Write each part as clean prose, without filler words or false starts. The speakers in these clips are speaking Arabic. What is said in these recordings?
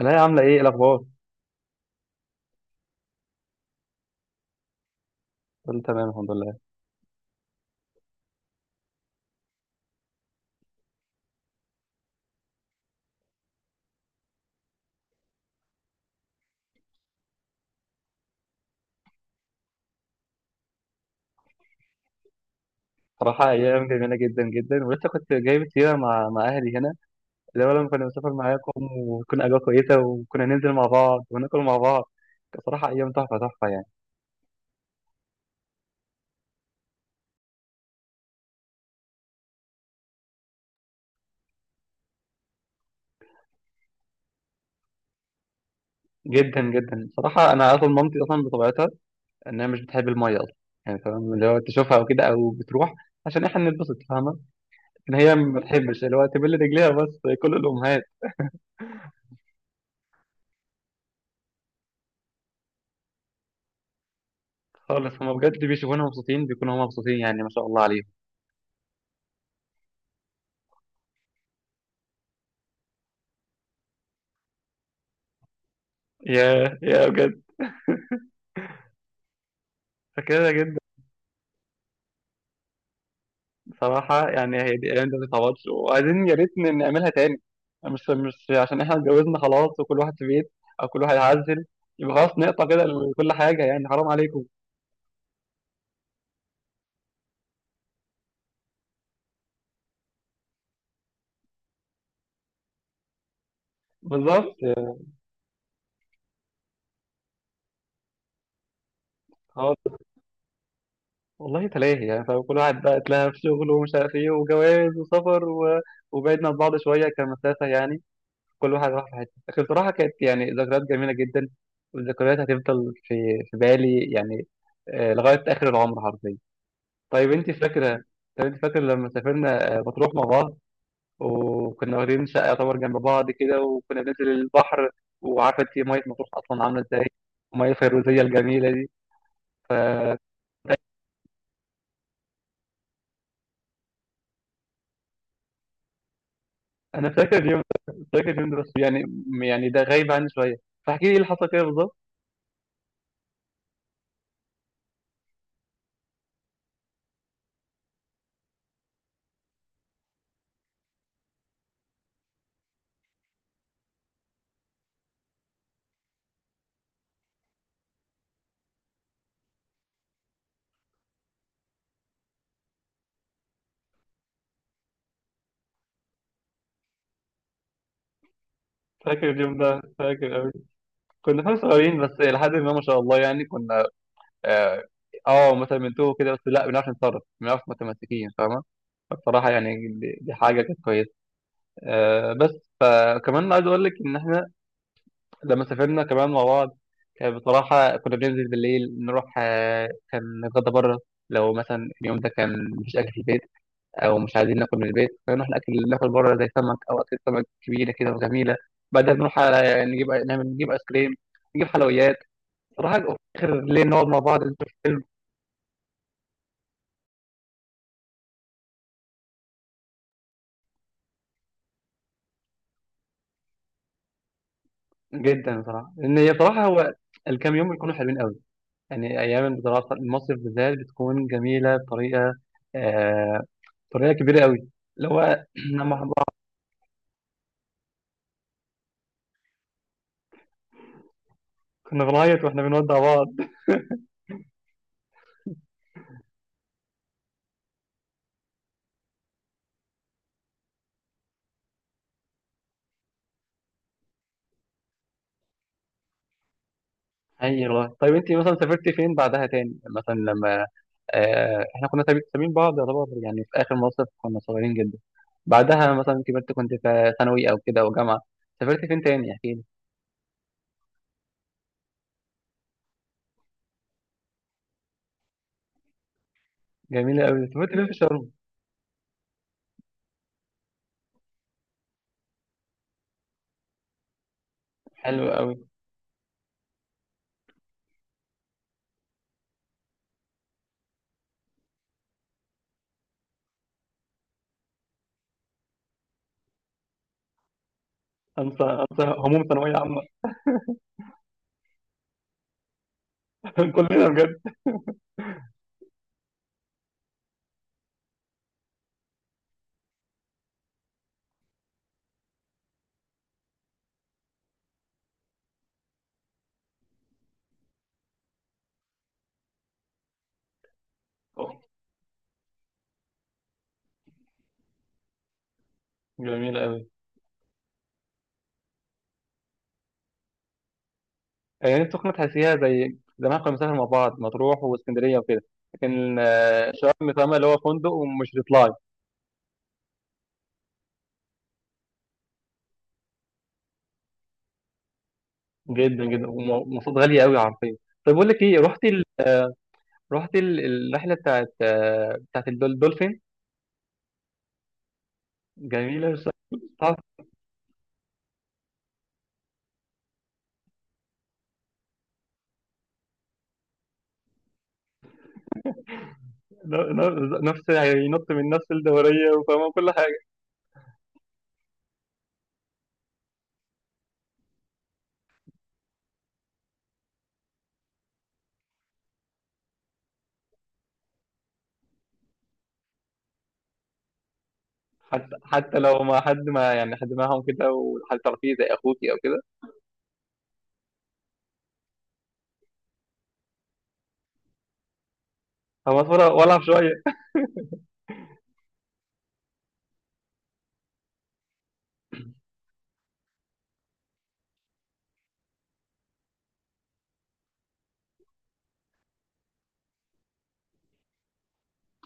انا، هي عامله ايه؟ إيه الاخبار؟ كله تمام، الحمد لله. صراحه ايام جميله جدا جدا، ولسه كنت جايب سيره مع اهلي هنا، اللي هو لما كنا بنسافر معاكم وكنا اجواء كويسه، وكنا ننزل مع بعض وناكل مع بعض. كانت صراحه ايام تحفه تحفه يعني. جدا جدا صراحه، انا اصلا مامتي اصلا بطبيعتها انها مش بتحب الميه اصلا، يعني تمام اللي هو تشوفها او كده او بتروح عشان احنا نتبسط، فاهمه؟ ان هي ما بتحبش اللي هو تبل رجليها، بس كل الامهات خالص هما بجد بيشوفونا مبسوطين بيكونوا هما مبسوطين، يعني ما شاء الله عليهم. يا بجد، فاكرها جدا. صراحة يعني هي دي، أيام دي ما تتعوضش، وعايزين يا ريت نعملها تاني. مش عشان إحنا اتجوزنا خلاص وكل واحد في بيت، أو كل واحد عزل، يبقى خلاص نقطع كده كل حاجة، يعني حرام عليكم. بالظبط. خلاص. والله تلاهي يعني، فاهم؟ كل واحد بقى اتلهى في شغله ومش عارف إيه، وجواز وسفر وبعدنا عن بعض شوية كمسافة يعني. كل واحد راح في حتة، لكن بصراحة كانت يعني ذكريات جميلة جدا. والذكريات هتفضل في بالي يعني، لغاية آخر العمر حرفيا. طيب انت فاكره؟ طيب انت فاكره لما سافرنا مطروح مع بعض، وكنا واخدين شقه يعتبر جنب بعض كده، وكنا بننزل البحر، وعارفه انت ميه مطروح اصلا عامله ازاي، الميه الفيروزيه الجميله دي. فانا فاكر اليوم ده. فاكر اليوم ده، بس يعني يعني ده غايب عني شويه، فاحكي لي ايه اللي حصل كده بالظبط. فاكر اليوم ده، فاكر قوي. كنا فعلا صغيرين، بس لحد ما ما شاء الله يعني كنا. اه، مثلا بنتوه كده، بس لا بنعرف نتصرف، بنعرف متمسكين فاهمه. فبصراحه يعني دي حاجه كانت كويسه. بس فكمان عايز اقول لك ان احنا لما سافرنا كمان مع بعض، كان بصراحه كنا بننزل بالليل نروح، كان نتغدى بره لو مثلا اليوم ده كان مفيش اكل في البيت، او مش عايزين ناكل من البيت، فنروح ناكل بره، زي سمك او اكل سمك كبيره كده وجميله. بعدها نروح على يعني نجيب ايس كريم، نجيب حلويات. صراحه اخر ليل نقعد مع بعض نشوف فيلم. جدا بصراحه، لان هي بصراحه هو الكام يوم بيكونوا حلوين قوي يعني. أيام الدراسة، المصيف بالذات بتكون جميلة آه بطريقة كبيرة قوي. اللي هو لما كنا بنعيط واحنا بنودع بعض. أي والله. طيب أنت مثلا سافرتي فين بعدها تاني؟ مثلا لما إحنا كنا سابين بعض، يعتبر يعني في آخر مصيف كنا صغيرين جدا. بعدها مثلا كبرت، كنت في ثانوي أو كده أو جامعة، سافرت فين تاني؟ احكي لي. جميلة قوي. سافرت فين في شرم؟ حلو قوي. أنسى أنسى هموم ثانوية عامة. كلنا بجد. جميلة قوي. نفسي تكون تحسيها زي زمان، كنا بنسافر مع بعض مطروح واسكندريه وكده، لكن شرم فاهمة اللي هو فندق ومش بيطلع. جدا جدا. ومواصلات غاليه قوي حرفيا. طب بقول لك ايه، رحت ال... الرحله بتاعت الدولفين. جميله بس، تعرف، نفس يعني ينط من نفس الدوريه وفاهمه كل حاجه. حتى لو ما حد، ما يعني حد معاهم كده، وحد تعرفيه زي اخوكي او كده. هو ولا شويه.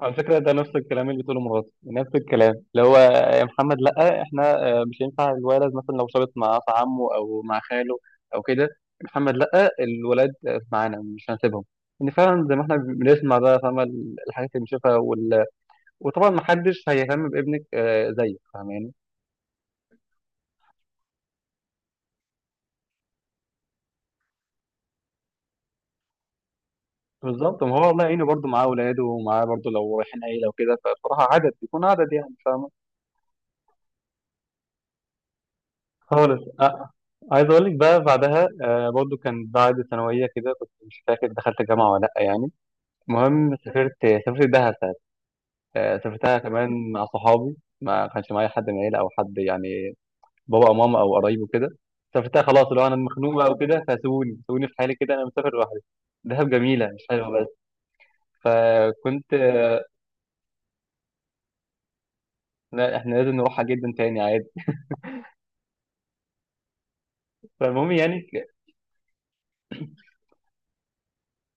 على فكرة ده نفس الكلام اللي بتقوله مراتي، نفس الكلام اللي هو، يا محمد لأ، احنا مش ينفع الولد مثلا لو شابط مع أخ عمه أو مع خاله أو كده. محمد لأ، الولاد معانا، مش هنسيبهم. إن فعلا زي ما احنا بنسمع بقى، فاهمة، الحاجات اللي بنشوفها وطبعا محدش هيهتم بابنك زيك، فاهماني. بالظبط. ما هو الله يعينه برضه، معاه أولاده ومعاه برضه، لو رايحين عيلة وكده فبصراحة عدد بيكون عدد يعني، فاهمة. خالص. عايز اقول لك بقى بعدها، برضو كان بعد ثانويه كده، كنت مش فاكر دخلت جامعه ولا لا يعني، المهم سافرت. سافرت دهب ساعتها. سافرتها كمان مع صحابي، ما كانش معايا حد من العيله او حد يعني، بابا او ماما او قرايب وكده. سافرتها خلاص، اللي هو انا مخنوق بقى وكده، فسيبوني سيبوني في حالي كده، انا مسافر لوحدي. دهب جميله، مش حلوه بس. فكنت، لا احنا لازم نروحها جدا تاني عادي. فالمهم يعني،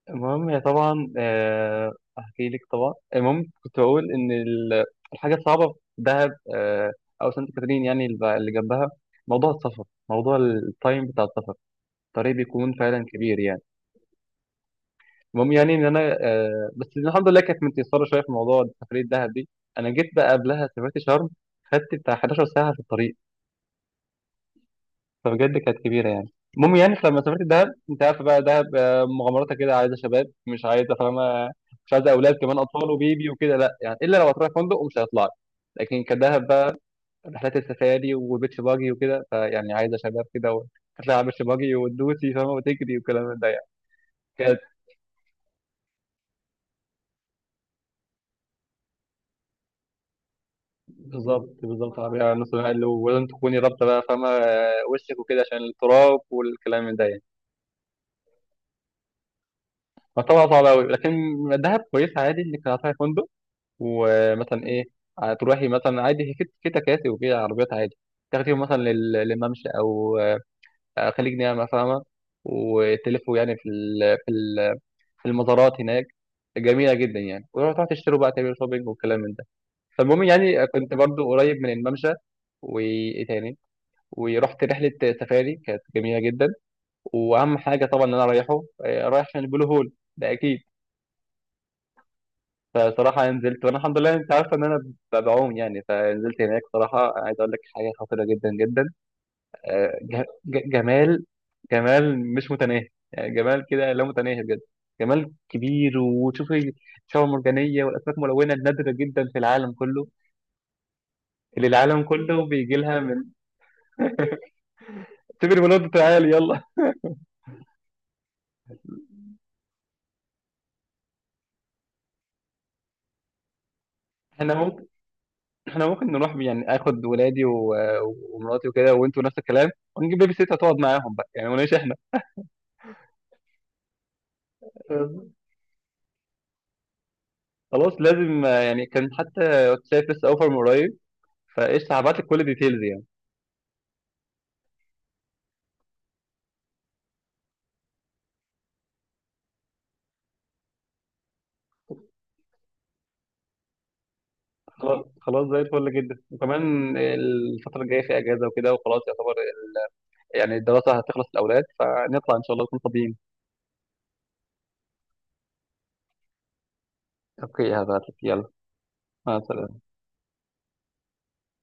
المهم هي طبعا، احكي لك طبعا، المهم كنت بقول ان الحاجه الصعبه في دهب، او سانت كاترين يعني اللي جنبها، موضوع السفر، موضوع التايم بتاع السفر، الطريق بيكون فعلا كبير يعني. المهم يعني ان انا، بس الحمد لله كانت متيسره شويه في موضوع سفريه دهب دي. انا جيت بقى قبلها سافرت شرم، خدت بتاع 11 ساعه في الطريق، فبجد كانت كبيره يعني. المهم يعني لما سافرت دهب، انت عارف بقى دهب، مغامراتها كده عايزه شباب مش عايزه، فاهمه، مش عايزه اولاد كمان اطفال وبيبي وكده، لا يعني، الا لو هتروح فندق ومش هيطلع. لكن كدهب بقى، رحلات السفاري والبيتش باجي وكده، فيعني عايزه شباب كده هتلاقي على البيتش باجي وتدوسي، فاهمه، وتجري والكلام ده يعني. كانت، بالظبط بالظبط، عربيه على نص نقل، ولازم تكوني رابطه بقى، فاهمه، وشك وكده عشان التراب والكلام ده يعني. فطبعا صعب قوي، لكن دهب كويس، عادي انك هتروحي فندق، ومثلا ايه، تروحي مثلا عادي في تكاسي وكده، عربيات عادي، تاخديهم مثلا للممشى، او خليج نعمة، فاهمة، وتلفوا يعني في المزارات هناك. جميلة جدا يعني، وتروحوا تشتروا بقى، تعملوا شوبينج والكلام من ده. فالمهم يعني، كنت برضو قريب من الممشى. وايه تاني، ورحت رحلة سفاري كانت جميلة جدا. واهم حاجة طبعا ان انا رايح عشان البلو هول، ده اكيد. فصراحة نزلت، وأنا الحمد لله أنت عارفة إن أنا بعوم يعني، فنزلت هناك، صراحة عايز أقول لك حاجة خطيرة جدا جدا، جمال، جمال مش متناهي يعني، جمال كده لا متناهي بجد، جمال كبير، وتشوفي شعاب مرجانية والأسماك ملونة النادرة جدا في العالم كله، اللي العالم كله بيجي لها من. سيب الولاد تعالي يلا. احنا ممكن احنا ممكن نروح يعني، اخد ولادي ومراتي وكده، وانتوا نفس الكلام، ونجيب بيبي سيت تقعد معاهم بقى يعني ونعيش. احنا خلاص لازم، يعني كان حتى كنت شايف لسه اوفر من قريب، فايش هبعت لك كل الديتيلز يعني. خلاص خلاص زي الفل جدا، وكمان الفتره الجايه في اجازه وكده، وخلاص يعتبر يعني الدراسه هتخلص الاولاد، فنطلع ان شاء الله نكون فاضيين. اوكي هبعت لك يلا. مع السلامه.